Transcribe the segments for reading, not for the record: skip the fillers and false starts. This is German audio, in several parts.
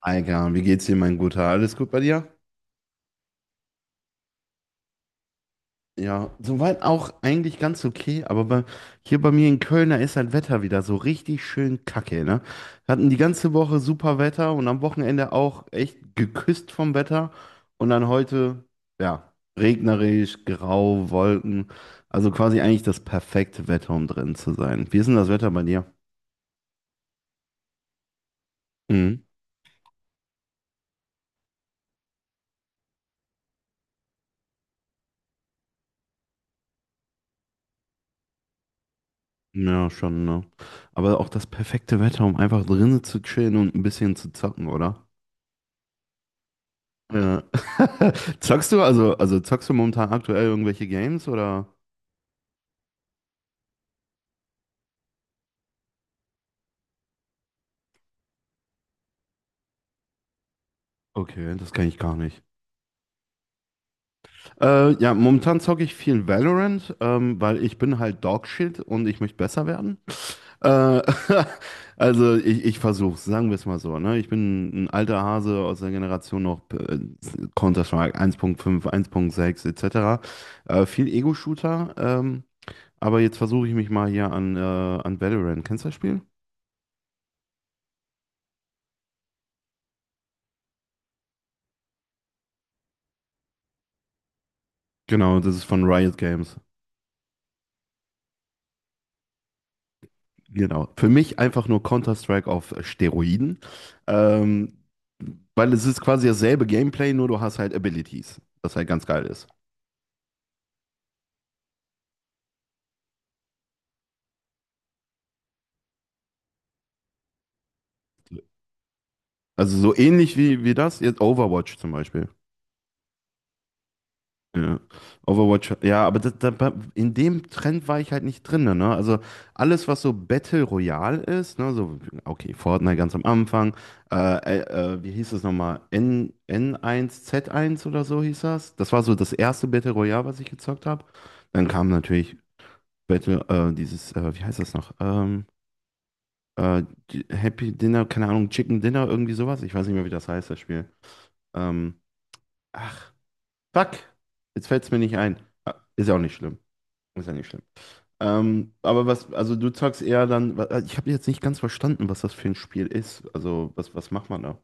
Alter, wie geht's dir, mein Guter? Alles gut bei dir? Ja, soweit auch eigentlich ganz okay, aber hier bei mir in Köln, da ist das Wetter wieder so richtig schön kacke, ne? Wir hatten die ganze Woche super Wetter und am Wochenende auch echt geküsst vom Wetter und dann heute, ja, regnerisch, grau, Wolken, also quasi eigentlich das perfekte Wetter, um drin zu sein. Wie ist denn das Wetter bei dir? Mhm. Ja, schon, ne? Aber auch das perfekte Wetter, um einfach drinnen zu chillen und ein bisschen zu zocken, oder? Ja. Also zockst du momentan aktuell irgendwelche Games oder? Okay, das kann ich gar nicht. Ja, momentan zocke ich viel Valorant, weil ich bin halt Dogshit und ich möchte besser werden. Äh, also ich versuche sagen wir es mal so. Ne? Ich bin ein alter Hase aus der Generation noch Counter-Strike 1.5, 1.6 etc. Viel Ego-Shooter, aber jetzt versuche ich mich mal hier an Valorant. Kennst du das Spiel? Genau, das ist von Riot Games. Genau. Für mich einfach nur Counter-Strike auf Steroiden. Ähm, weil es ist quasi dasselbe Gameplay, nur du hast halt Abilities, das halt ganz geil ist. Also so ähnlich wie das, jetzt Overwatch zum Beispiel. Ja. Overwatch, ja, aber in dem Trend war ich halt nicht drin, ne? Also alles, was so Battle Royale ist, ne, so, okay, Fortnite ganz am Anfang, wie hieß das nochmal? N, n eins z eins oder so hieß das. Das war so das erste Battle Royale, was ich gezockt habe. Dann kam natürlich Battle, dieses, wie heißt das noch? Äh, Happy Dinner, keine Ahnung, Chicken Dinner, irgendwie sowas. Ich weiß nicht mehr, wie das heißt, das Spiel. Ähm, ach, fuck, jetzt fällt's mir nicht ein. Ah, ist ja auch nicht schlimm. Ist ja nicht schlimm. Aber was, also du sagst eher dann, ich habe jetzt nicht ganz verstanden, was das für ein Spiel ist. Also, was macht man da?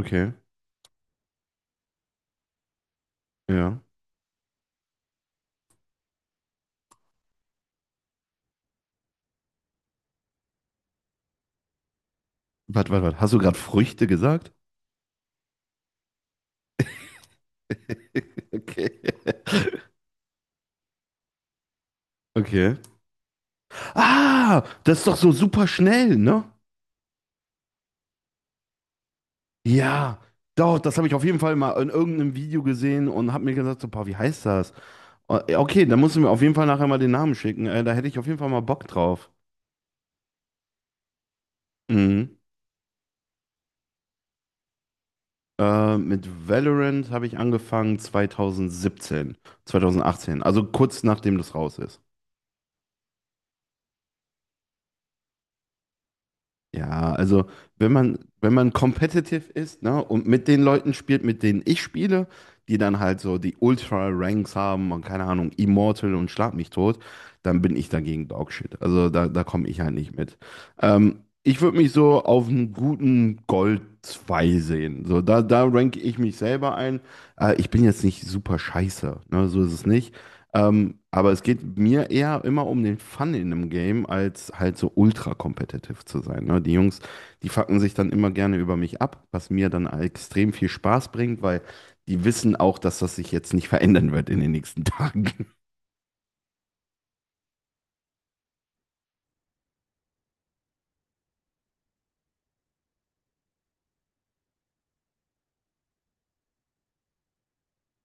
Okay, ja. Warte, warte, warte. Hast du gerade Früchte gesagt? Okay. Okay. Ah, das ist doch so super schnell, ne? Ja, doch, das habe ich auf jeden Fall mal in irgendeinem Video gesehen und habe mir gesagt, so, boah, wie heißt das? Okay, dann musst du mir auf jeden Fall nachher mal den Namen schicken. Da hätte ich auf jeden Fall mal Bock drauf. Mhm. Mit Valorant habe ich angefangen 2017, 2018, also kurz nachdem das raus ist. Ja, also wenn man competitive ist, ne, und mit den Leuten spielt, mit denen ich spiele, die dann halt so die Ultra-Ranks haben und keine Ahnung, Immortal und schlag mich tot, dann bin ich dagegen Dogshit. Also da komme ich halt nicht mit. Ich würde mich so auf einen guten Gold 2 sehen. So, da ranke ich mich selber ein. Ich bin jetzt nicht super scheiße, ne, so ist es nicht. Aber es geht mir eher immer um den Fun in einem Game, als halt so ultra kompetitiv zu sein. Ne? Die Jungs, die fucken sich dann immer gerne über mich ab, was mir dann extrem viel Spaß bringt, weil die wissen auch, dass das sich jetzt nicht verändern wird in den nächsten Tagen.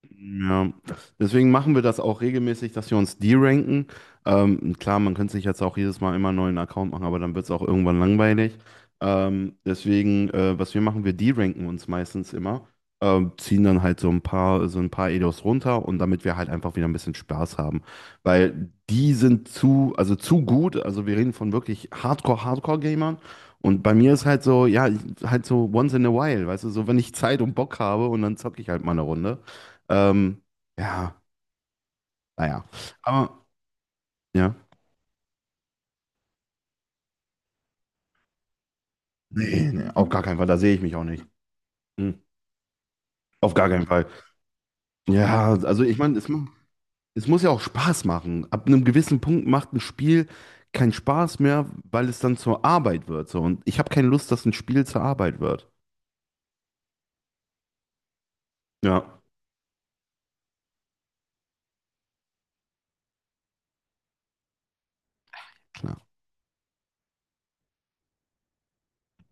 Ja, deswegen machen wir das auch regelmäßig, dass wir uns deranken. Klar, man könnte sich jetzt auch jedes Mal immer einen neuen Account machen, aber dann wird es auch irgendwann langweilig. Deswegen, was wir machen, wir deranken uns meistens immer, ziehen dann halt so ein paar Edos runter und damit wir halt einfach wieder ein bisschen Spaß haben. Weil die sind zu, also zu gut, also wir reden von wirklich Hardcore, Hardcore-Gamern. Und bei mir ist halt so, ja, halt so once in a while, weißt du, so wenn ich Zeit und Bock habe und dann zocke ich halt mal eine Runde. Ähm, ja, naja. Aber ja, nee, nee, auf gar keinen Fall, da sehe ich mich auch nicht. Hm. Auf gar keinen Fall. Ja, also ich meine, es muss ja auch Spaß machen. Ab einem gewissen Punkt macht ein Spiel keinen Spaß mehr, weil es dann zur Arbeit wird. So. Und ich habe keine Lust, dass ein Spiel zur Arbeit wird. Ja, klar.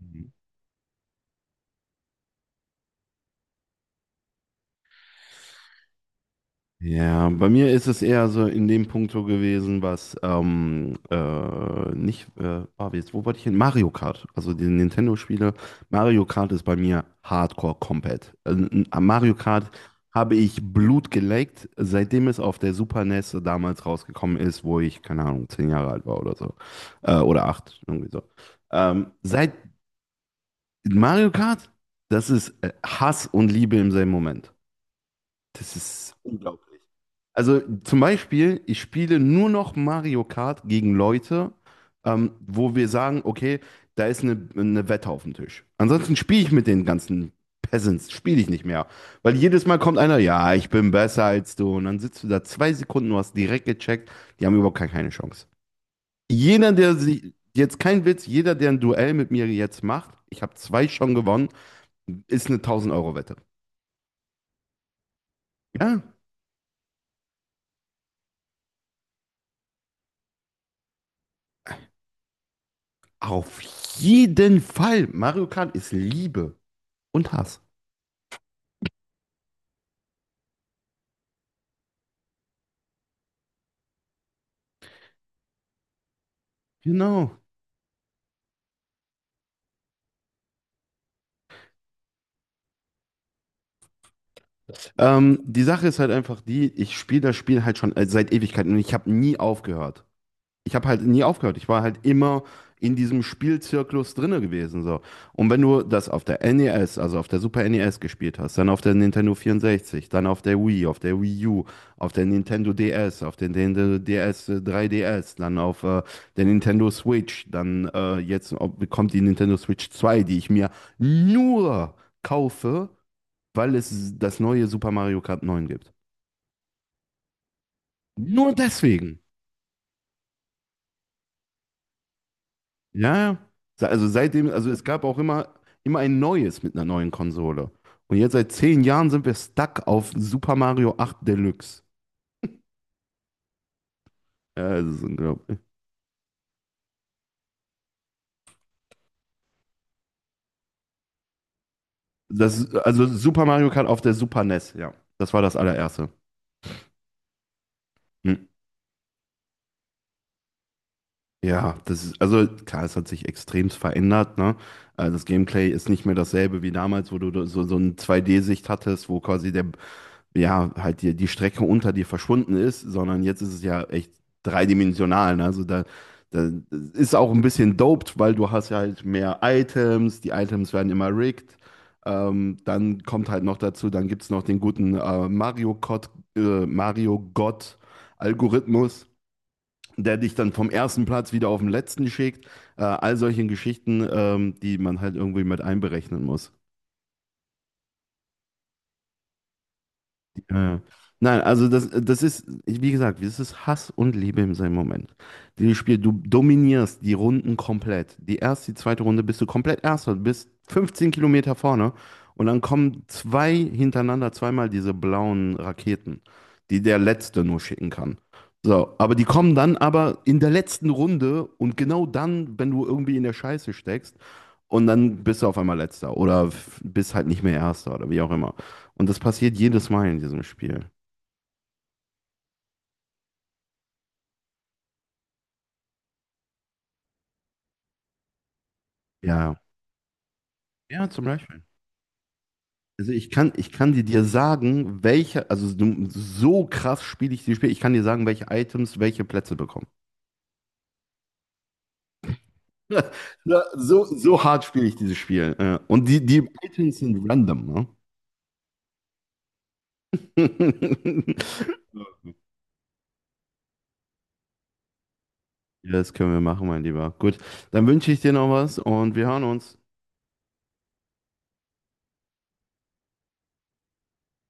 Mhm. Ja, bei mir ist es eher so in dem Punkt so gewesen, was nicht, jetzt, wo wollte ich hin? Mario Kart. Also die Nintendo-Spiele. Mario Kart ist bei mir Hardcore komplett. Am Mario Kart habe ich Blut geleckt, seitdem es auf der Super NES damals rausgekommen ist, wo ich, keine Ahnung, 10 Jahre alt war oder so. Oder acht, irgendwie so. Seit Mario Kart, das ist Hass und Liebe im selben Moment. Das ist unglaublich. Also zum Beispiel, ich spiele nur noch Mario Kart gegen Leute, wo wir sagen, okay, da ist eine Wette auf dem Tisch. Ansonsten spiele ich mit den ganzen Peasants, spiele ich nicht mehr. Weil jedes Mal kommt einer, ja, ich bin besser als du. Und dann sitzt du da 2 Sekunden, du hast direkt gecheckt, die haben überhaupt gar keine Chance. Jeder, der sich, jetzt kein Witz, jeder, der ein Duell mit mir jetzt macht, ich habe zwei schon gewonnen, ist eine 1.000 Euro Wette. Ja, auf jeden Fall. Mario Kart ist Liebe und Hass. Genau. Die Sache ist halt einfach die, ich spiele das Spiel halt schon seit Ewigkeiten und ich habe nie aufgehört. Ich habe halt nie aufgehört. Ich war halt immer in diesem Spielzyklus drinne gewesen, so. Und wenn du das auf der NES, also auf der Super NES gespielt hast, dann auf der Nintendo 64, dann auf der Wii U, auf der Nintendo DS, auf der Nintendo DS 3DS, dann auf der Nintendo Switch, dann jetzt kommt die Nintendo Switch 2, die ich mir nur kaufe, weil es das neue Super Mario Kart 9 gibt. Nur deswegen. Ja, ja. Also seitdem, also es gab auch immer, immer ein neues mit einer neuen Konsole. Und jetzt seit 10 Jahren sind wir stuck auf Super Mario 8 Deluxe. Ja, das ist unglaublich. Das, also Super Mario Kart auf der Super NES, ja. Das war das allererste. Hm. Ja, das ist, also klar, es hat sich extremst verändert, ne? Also das Gameplay ist nicht mehr dasselbe wie damals, wo du so eine 2D-Sicht hattest, wo quasi der, ja, halt die Strecke unter dir verschwunden ist, sondern jetzt ist es ja echt dreidimensional. Ne? Also da das ist auch ein bisschen doped, weil du hast ja halt mehr Items, die Items werden immer rigged. Dann kommt halt noch dazu, dann gibt es noch den guten Mario Gott Algorithmus, der dich dann vom ersten Platz wieder auf den letzten schickt. All solche Geschichten, die man halt irgendwie mit einberechnen muss. Ja, ja. Nein, also das ist, wie gesagt, das ist Hass und Liebe in seinem Moment. Dieses Spiel, du dominierst die Runden komplett. Die erste, die zweite Runde bist du komplett Erster, du bist 15 Kilometer vorne und dann kommen zwei hintereinander, zweimal diese blauen Raketen, die der Letzte nur schicken kann. So, aber die kommen dann aber in der letzten Runde und genau dann, wenn du irgendwie in der Scheiße steckst, und dann bist du auf einmal Letzter oder bist halt nicht mehr Erster oder wie auch immer. Und das passiert jedes Mal in diesem Spiel. Ja. Ja, zum Beispiel. Also ich kann dir sagen, so krass spiele ich dieses Spiel, ich kann dir sagen, welche Items welche Plätze bekommen. Ja, so, so hart spiele ich dieses Spiel. Ja. Und die Items sind random, ne? Ja, das können wir machen, mein Lieber. Gut, dann wünsche ich dir noch was und wir hören uns.